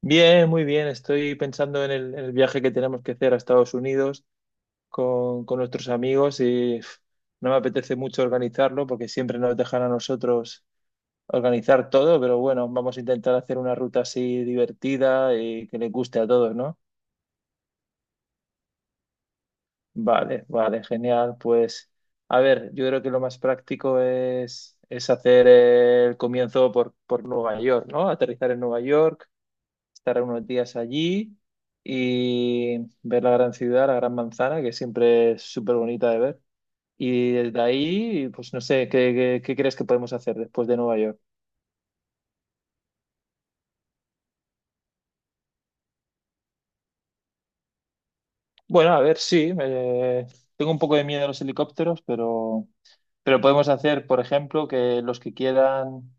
Bien, muy bien. Estoy pensando en el viaje que tenemos que hacer a Estados Unidos con nuestros amigos y uf, no me apetece mucho organizarlo porque siempre nos dejan a nosotros organizar todo, pero bueno, vamos a intentar hacer una ruta así divertida y que le guste a todos, ¿no? Vale, vale, genial. Pues a ver, yo creo que lo más práctico es hacer el comienzo por Nueva York, ¿no? Aterrizar en Nueva York, estar unos días allí y ver la gran ciudad, la gran manzana, que siempre es súper bonita de ver. Y desde ahí, pues no sé, ¿qué crees que podemos hacer después de Nueva York? Bueno, a ver, sí, tengo un poco de miedo a los helicópteros, pero podemos hacer, por ejemplo, que los que quieran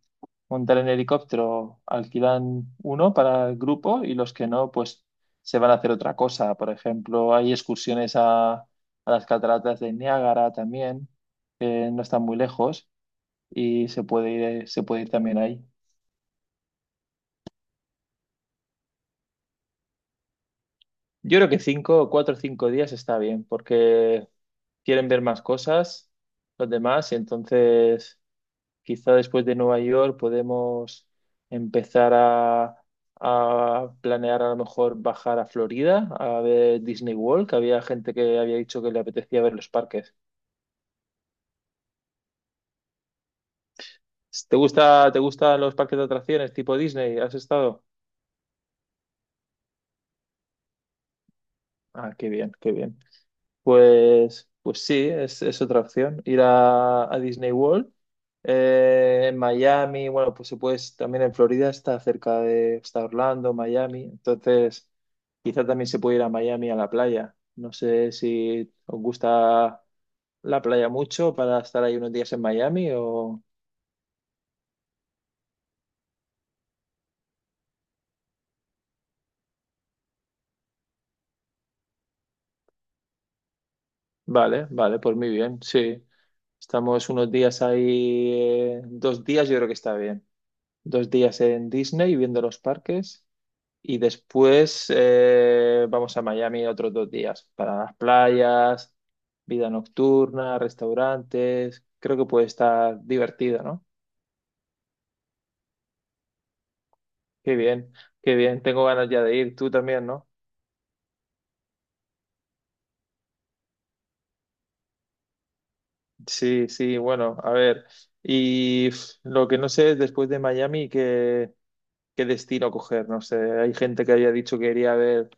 montar en helicóptero alquilan uno para el grupo y los que no, pues se van a hacer otra cosa. Por ejemplo, hay excursiones a las cataratas de Niágara también, que no están muy lejos y se puede ir también ahí. Yo creo que cinco, cuatro o cinco días está bien, porque quieren ver más cosas los demás, y entonces quizá después de Nueva York podemos empezar a planear a lo mejor bajar a Florida a ver Disney World, que había gente que había dicho que le apetecía ver los parques. ¿Te gusta, te gustan los parques de atracciones tipo Disney? ¿Has estado? Ah, qué bien, qué bien. Pues, pues sí, es otra opción. Ir a Disney World. En Miami, bueno, pues se puede, también en Florida está cerca de, está Orlando, Miami. Entonces, quizá también se puede ir a Miami a la playa. No sé si os gusta la playa mucho para estar ahí unos días en Miami o... Vale, vale, pues muy bien, sí. Estamos unos días ahí, dos días yo creo que está bien. Dos días en Disney viendo los parques. Y después vamos a Miami otros dos días para las playas, vida nocturna, restaurantes. Creo que puede estar divertido, ¿no? Qué bien, qué bien. Tengo ganas ya de ir. Tú también, ¿no? Sí, sí, bueno, a ver. Y pf, lo que no sé es después de Miami qué destino coger. No sé, hay gente que había dicho que quería ver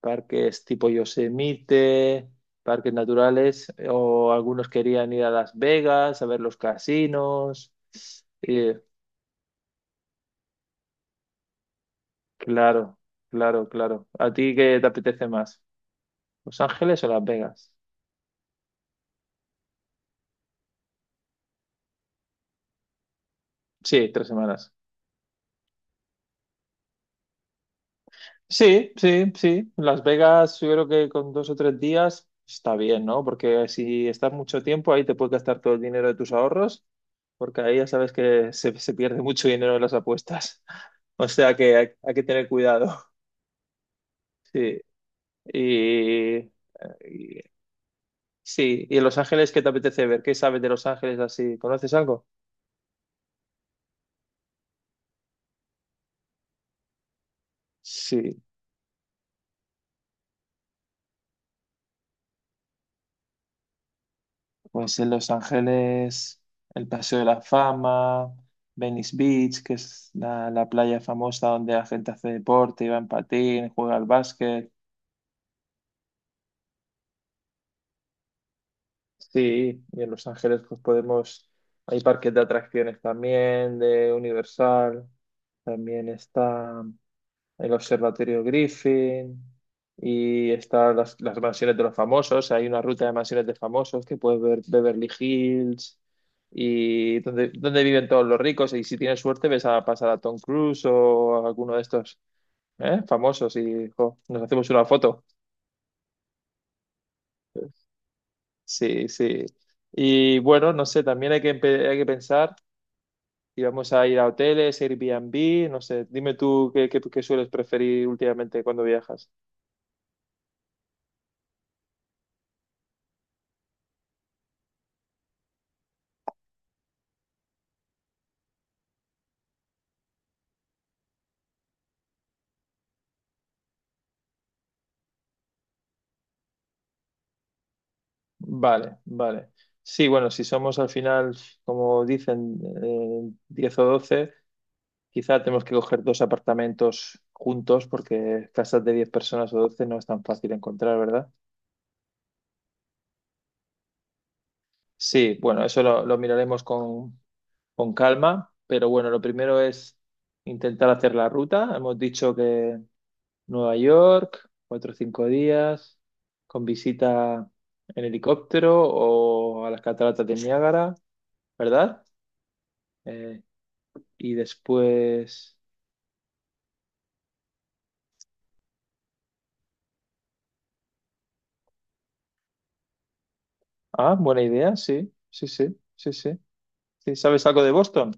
parques tipo Yosemite, parques naturales, o algunos querían ir a Las Vegas a ver los casinos. Y, claro, claro, claro. ¿A ti qué te apetece más? ¿Los Ángeles o Las Vegas? Sí, tres semanas. Sí, sí, sí. Las Vegas, yo creo que con dos o tres días está bien, ¿no? Porque si estás mucho tiempo ahí te puedes gastar todo el dinero de tus ahorros, porque ahí ya sabes que se pierde mucho dinero en las apuestas. O sea que hay que tener cuidado. Sí, y, y- sí, y en Los Ángeles, ¿qué te apetece ver? ¿Qué sabes de Los Ángeles así? ¿Conoces algo? Sí, pues en Los Ángeles, el Paseo de la Fama, Venice Beach, que es la playa famosa donde la gente hace deporte, va en patín, juega al básquet. Sí, y en Los Ángeles pues podemos, hay parques de atracciones también, de Universal, también está... el Observatorio Griffin y están las mansiones de los famosos. Hay una ruta de mansiones de famosos que puedes ver Beverly Hills y donde, donde viven todos los ricos. Y si tienes suerte, ves a pasar a Tom Cruise o a alguno de estos, ¿eh? Famosos y jo, nos hacemos una foto. Sí, sí. Y bueno, no sé, también hay que, hay que pensar si vamos a ir a hoteles, Airbnb, no sé, dime tú qué sueles preferir últimamente cuando viajas. Vale, vale. Sí, bueno, si somos al final, como dicen, 10 o 12 quizá tenemos que coger dos apartamentos juntos porque casas de 10 personas o 12 no es tan fácil encontrar, ¿verdad? Sí, bueno, eso lo miraremos con calma, pero bueno, lo primero es intentar hacer la ruta. Hemos dicho que Nueva York, cuatro o cinco días, con visita en helicóptero o a las cataratas de Niágara, ¿verdad? Eh, Y después... Ah, buena idea, sí, sí, sí, sí, sí. Sí, ¿sabes algo de Boston?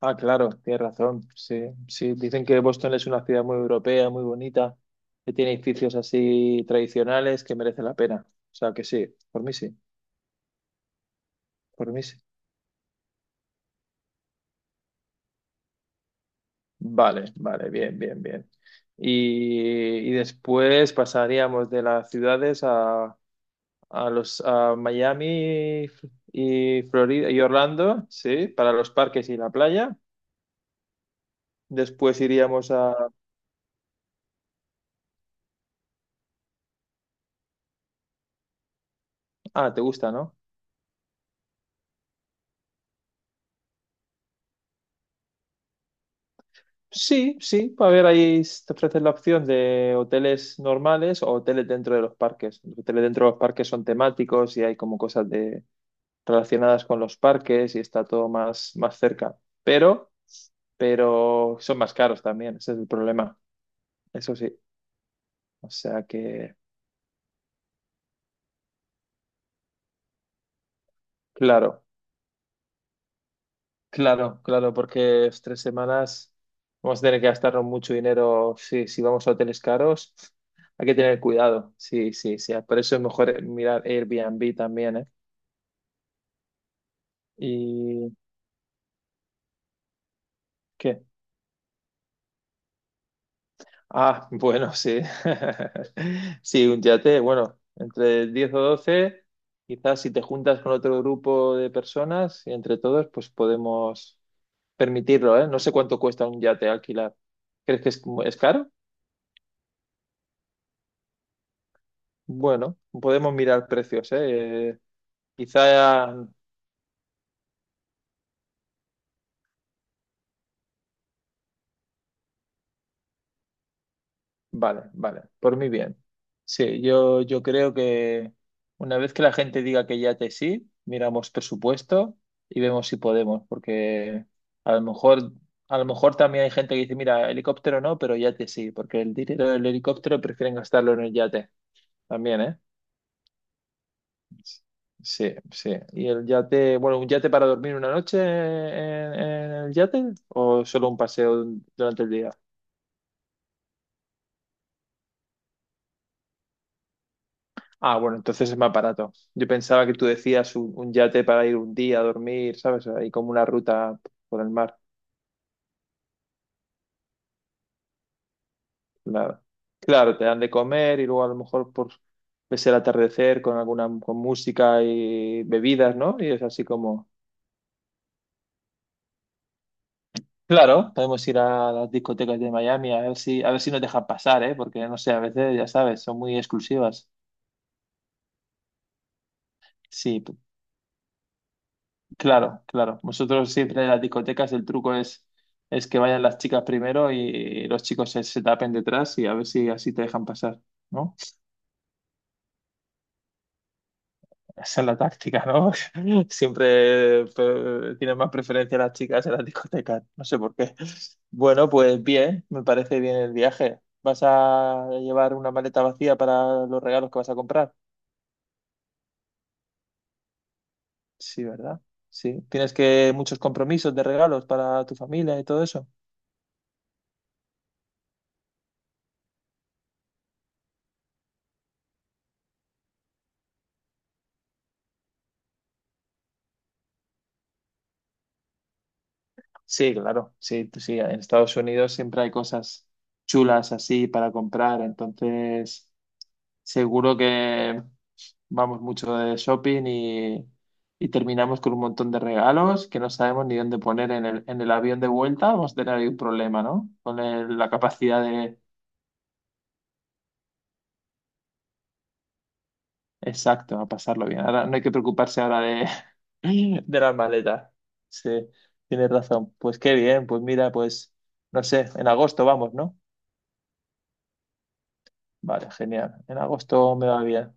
Ah, claro, tienes razón. Sí, sí, dicen que Boston es una ciudad muy europea, muy bonita, que tiene edificios así tradicionales que merece la pena. O sea que sí, por mí sí, por mí sí. Vale, vale, bien, bien, bien. Y después pasaríamos de las ciudades a Miami y Florida y Orlando, sí, para los parques y la playa. Después iríamos a... Ah, ¿te gusta, no? Sí, sí. A ver, ahí te ofrecen la opción de hoteles normales o hoteles dentro de los parques. Los hoteles dentro de los parques son temáticos y hay como cosas de... relacionadas con los parques y está todo más, más cerca. Pero, pero son más caros también, ese es el problema. Eso sí. O sea que, claro. Claro, claro, porque es tres semanas, vamos a tener que gastarnos mucho dinero si vamos a hoteles caros. Hay que tener cuidado. Sí, sí, sí. Por eso es mejor mirar Airbnb también, ¿eh? ¿Y qué? Ah, bueno, sí. Sí, un yate, bueno, entre 10 o 12, quizás si te juntas con otro grupo de personas y entre todos, pues podemos permitirlo, ¿eh? No sé cuánto cuesta un yate alquilar. ¿Crees que es caro? Bueno, podemos mirar precios, ¿eh? Quizá, vale, vale, por mí bien. Sí, yo creo que una vez que la gente diga que ya que sí, miramos presupuesto y vemos si podemos, porque a lo mejor, a lo mejor también hay gente que dice, mira, helicóptero no, pero yate sí, porque el dinero del helicóptero prefieren gastarlo en el yate también, ¿eh? Sí, sí. ¿Y el yate, bueno, un, yate para dormir una noche en el yate o solo un paseo durante el día? Ah, bueno, entonces es más barato. Yo pensaba que tú decías un yate para ir un día a dormir, ¿sabes? Ahí como una ruta por el mar. Nada. Claro, te dan de comer y luego a lo mejor por ves el atardecer con alguna con música y bebidas, ¿no? Y es así como claro, podemos ir a las discotecas de Miami a ver si nos dejan pasar, ¿eh? Porque no sé, a veces, ya sabes, son muy exclusivas. Sí, claro, claro. Nosotros siempre en las discotecas el truco es que vayan las chicas primero y los chicos se tapen detrás y a ver si así te dejan pasar, ¿no? Esa es la táctica, ¿no? Siempre tienen más preferencia las chicas en las discotecas, no sé por qué. Bueno, pues bien, me parece bien el viaje. ¿Vas a llevar una maleta vacía para los regalos que vas a comprar? Sí, ¿verdad? Sí. ¿Tienes que muchos compromisos de regalos para tu familia y todo eso? Sí, claro, sí, sí. En Estados Unidos siempre hay cosas chulas así para comprar, entonces. Seguro que vamos mucho de shopping y terminamos con un montón de regalos que no sabemos ni dónde poner en en el avión de vuelta. Vamos a tener ahí un problema, ¿no? Con la capacidad de... Exacto, a pasarlo bien. Ahora no hay que preocuparse ahora de, de las maletas. Sí, tienes razón. Pues qué bien, pues mira, pues no sé, en agosto vamos, ¿no? Vale, genial. En agosto me va bien.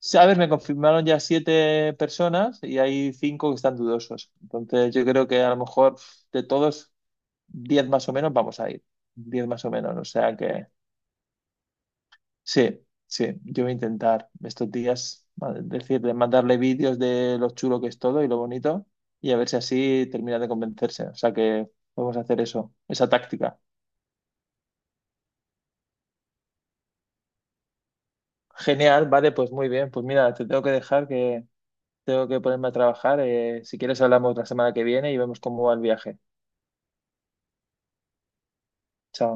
Sí, a ver, me confirmaron ya siete personas y hay cinco que están dudosos. Entonces, yo creo que a lo mejor de todos, diez más o menos vamos a ir. Diez más o menos. O sea que sí, sí, yo voy a intentar estos días mandarle vídeos de lo chulo que es todo y lo bonito y a ver si así termina de convencerse. O sea que vamos a hacer eso, esa táctica. Genial, vale, pues muy bien. Pues mira, te tengo que dejar que tengo que ponerme a trabajar. Si quieres, hablamos la semana que viene y vemos cómo va el viaje. Chao.